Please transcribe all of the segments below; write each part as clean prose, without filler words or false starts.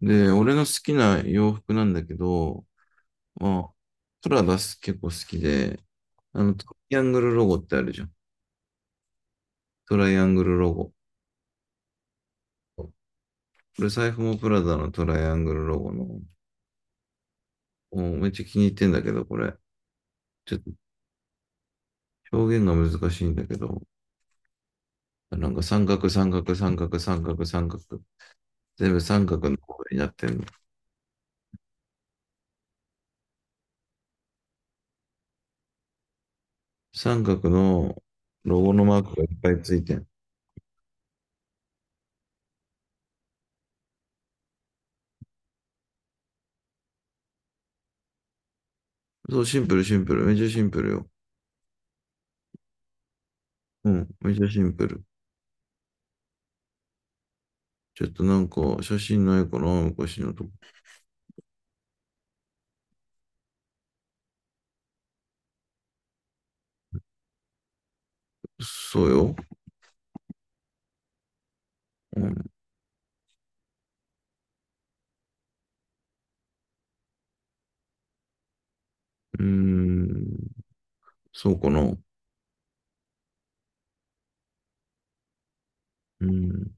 で、俺の好きな洋服なんだけど、まあ、トラがす結構好きで、トライアングルロゴってあるじゃん。トライアングルロゴ。これ財布もプラダのトライアングルロゴの、もうめっちゃ気に入ってんだけど、これ。ちょっと表現が難しいんだけど、なんか三角、三角、三角、三角、三角。全部三角の方になってんの。三角のロゴのマークがいっぱいついてん。そう、シンプル、シンプル。めっちゃシンプルよ。うん、めっちゃシンプル。ちょっとなんか写真ないかな、昔のとこ。そうよ。うん、うーん、そうかな。うん。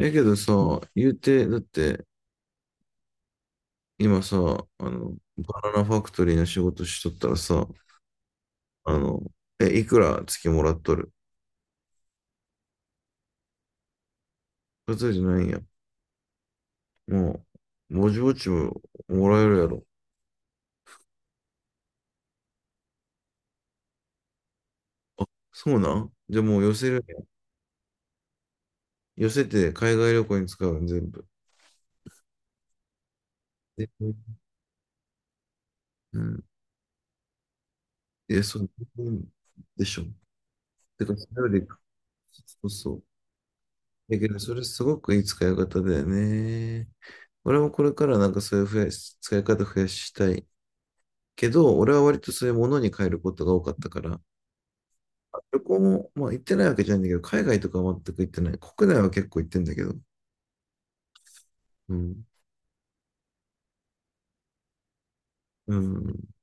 けどさ、言うて、だって今さ、バナナファクトリーの仕事しとったらさ、あの、いくら月もらっとる？それじゃないんや。もう、ぼちぼちももらえるやろ。あ、そうなん？じゃあもう寄せるやん。寄せて海外旅行に使うの全部。えうん。そう、でしょ。てか、それより、そうそう。だけど、それすごくいい使い方だよね。俺もこれからなんかそういう増やし、使い方増やしたい。けど、俺は割とそういうものに変えることが多かったから、旅行も、まあ行ってないわけじゃないんだけど、海外とかは全く行ってない。国内は結構行ってんだけど。うん。うん。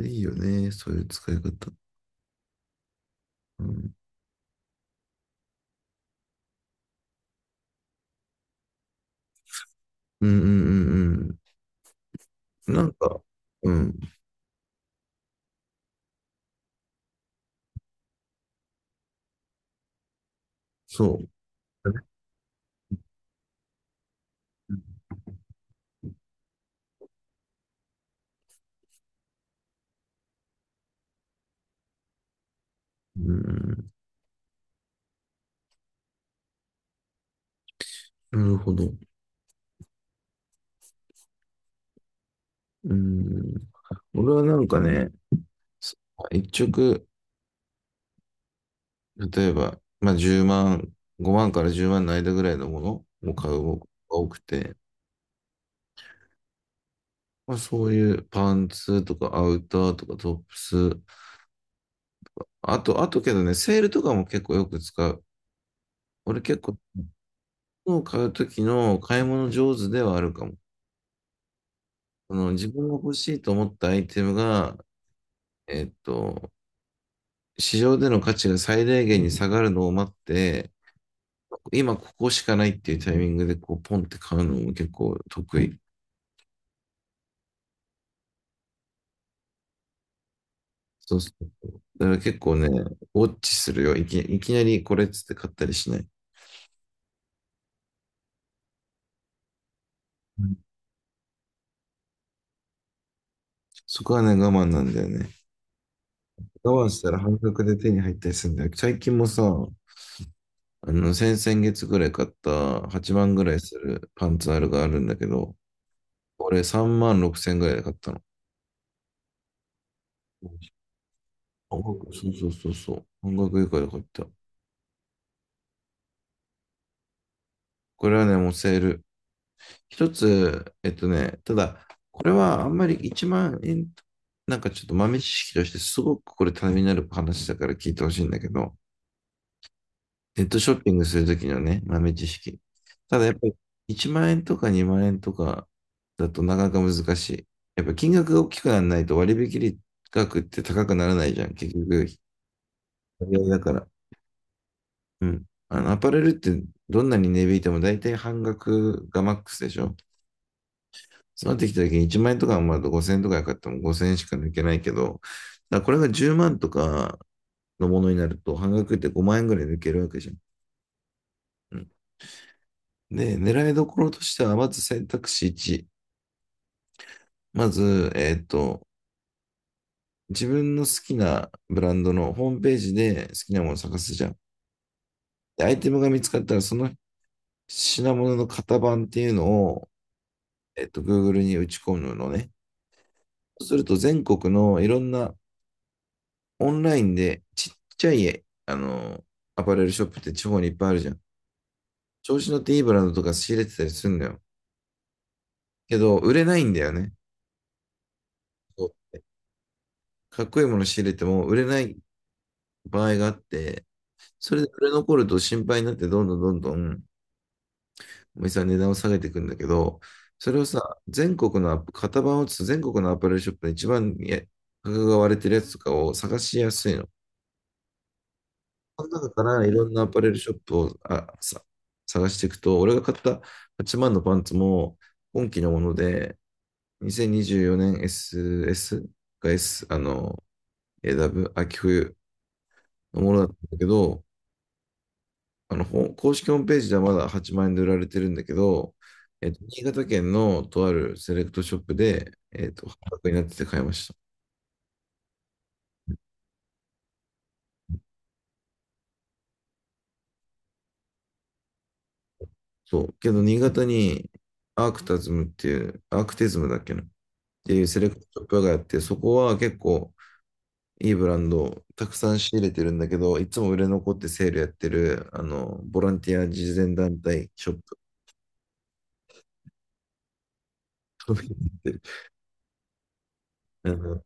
いいよね、そういう使い方。うん。うんうんうんうん。なんか、うん。そう。うん。なるほど。うん。俺はなんかね、一直、例えば、まあ10万、5万から10万の間ぐらいのものを買う方が多くて、まあそういうパンツとかアウターとかトップス、あとけどね、セールとかも結構よく使う。俺結構、物を買う時の買い物上手ではあるかも。その自分が欲しいと思ったアイテムが、えっと、市場での価値が最大限に下がるのを待って、今ここしかないっていうタイミングでこうポンって買うのも結構得意。そうそうそう。だから結構ね、ウォッチするよ。いきなりこれっつって買ったりしない。うん。そこはね、我慢なんだよね。我慢したら半額で手に入ったりするんだよ。最近もさ、先々月ぐらい買った8万ぐらいするパンツあるがあるんだけど、俺3万6千ぐらいで買ったの。半額、そうそうそうそう。半額以下で買った。これはね、もうセール。一つ、ただ、これはあんまり1万円、なんかちょっと豆知識としてすごくこれためになる話だから聞いてほしいんだけど、ネットショッピングするときのね、豆知識。ただやっぱり1万円とか2万円とかだとなかなか難しい。やっぱ金額が大きくならないと割引額って高くならないじゃん。結局、割合だから。うん。アパレルってどんなに値引いても大体半額がマックスでしょ？そうなってきた時に1万円とかまあ5000円とかよかったらもう5000円しか抜けないけど、だこれが10万とかのものになると半額って5万円ぐらい抜けるわけじゃん。うん。で、狙いどころとしては、まず選択肢1。まず、自分の好きなブランドのホームページで好きなものを探すじゃん。で、アイテムが見つかったら、その品物の型番っていうのを、Google に打ち込むのね。そうすると、全国のいろんなオンラインでちっちゃい、アパレルショップって地方にいっぱいあるじゃん。調子乗っていいブランドとか仕入れてたりするんだよ。けど、売れないんだよね。そう。かっこいいもの仕入れても売れない場合があって、それで売れ残ると心配になって、どんどんどんどん、お店は値段を下げていくんだけど、それをさ、全国の型番を打つと全国のアパレルショップで一番価格が割れてるやつとかを探しやすいの。その中からいろんなアパレルショップを探していくと、俺が買った8万のパンツも今期のもので、2024年 SS か S、AW、秋冬のものだったんだけど、公式ホームページではまだ8万円で売られてるんだけど、新潟県のとあるセレクトショップで、半額になってて買いました。そう。けど、新潟にアークタズムっていう、アークテズムだっけなっていうセレクトショップがあって、そこは結構、いいブランド、たくさん仕入れてるんだけど、いつも売れ残ってセールやってる、ボランティア慈善団体ショップ、飛びに行ってる、あの、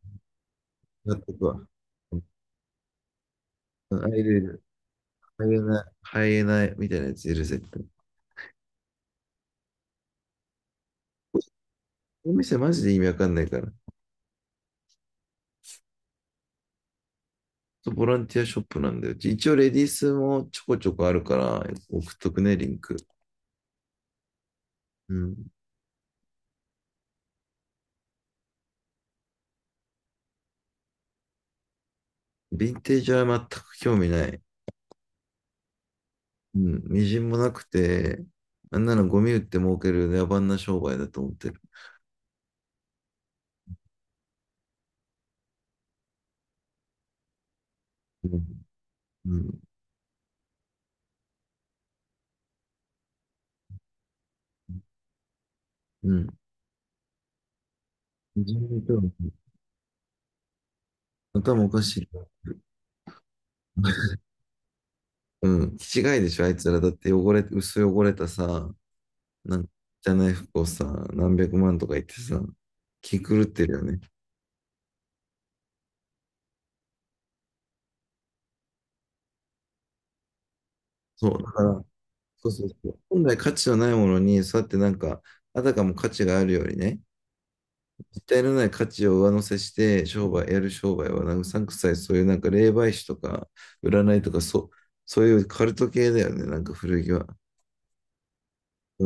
なんとか、アイレル、ハイエナ、ハイエナみたいなやついる、絶対。お店マジで意味わかんないから。そう、ボランティアショップなんだよ。一応レディースもちょこちょこあるから、送っとくね、リンク。うん。ヴィンテージは全く興味ない。うん。みじんもなくて、あんなのゴミ売って儲ける野蛮な商売だと思ってる。うん。うん、うん。人類教育、頭おかしい。うん。気違いでしょ、あいつら。だって薄汚れたさ、なんかじゃない服をさ、何百万とか言ってさ、気狂ってるよね。そう。だから、そうそうそう。本来価値のないものに、そうやってなんか、あたかも価値があるようにね、実体のない価値を上乗せして、やる商売は、なんかうさんくさい、そういうなんか霊媒師とか、占いとか、そう、そういうカルト系だよね、なんか古着は。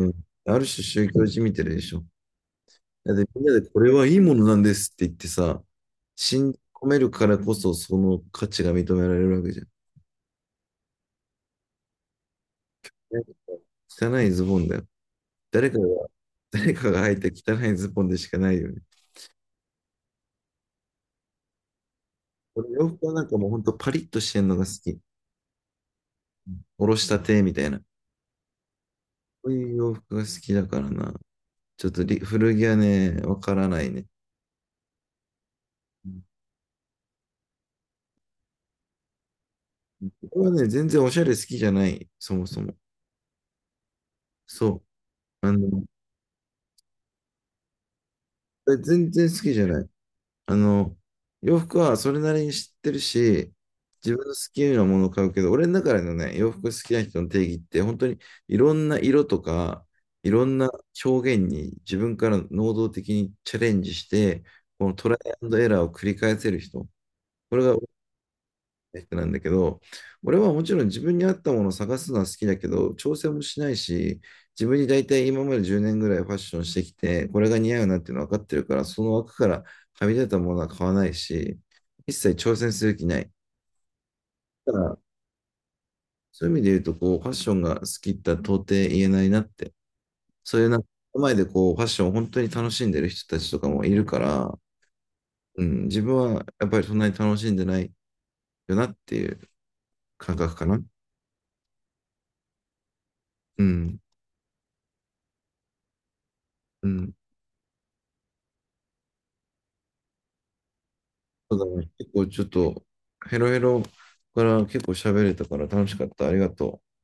うん。ある種宗教じみてるでしょ。だってみんなでこれはいいものなんですって言ってさ、信じ込めるからこそその価値が認められるわけじゃん。汚いズボンだよ。誰かが、誰かが履いた汚いズボンでしかないよね。俺洋服はなんかもうほんとパリッとしてんのが好き。おろしたてみたいな。そういう洋服が好きだからな。ちょっと古着はね、わからないね。これはね、全然おしゃれ好きじゃない。そもそも。そう。全然好きじゃない。あの、洋服はそれなりに知ってるし、自分の好きなものを買うけど、俺の中でのね、洋服好きな人の定義って、本当にいろんな色とか、いろんな表現に自分から能動的にチャレンジして、このトライアンドエラーを繰り返せる人。これが人なんだけど、俺はもちろん自分に合ったものを探すのは好きだけど、調整もしないし、自分に大体今まで10年ぐらいファッションしてきて、これが似合うなっていうの分かってるから、その枠からはみ出たものは買わないし、一切挑戦する気ない。だから、そういう意味で言うと、こう、ファッションが好きって到底言えないなって、そういうなんか前でこう、ファッションを本当に楽しんでる人たちとかもいるから、うん、自分はやっぱりそんなに楽しんでないよなっていう感覚かな。うん。うん、そうだね。結構ちょっとヘロヘロから結構喋れたから楽しかった。ありがとう。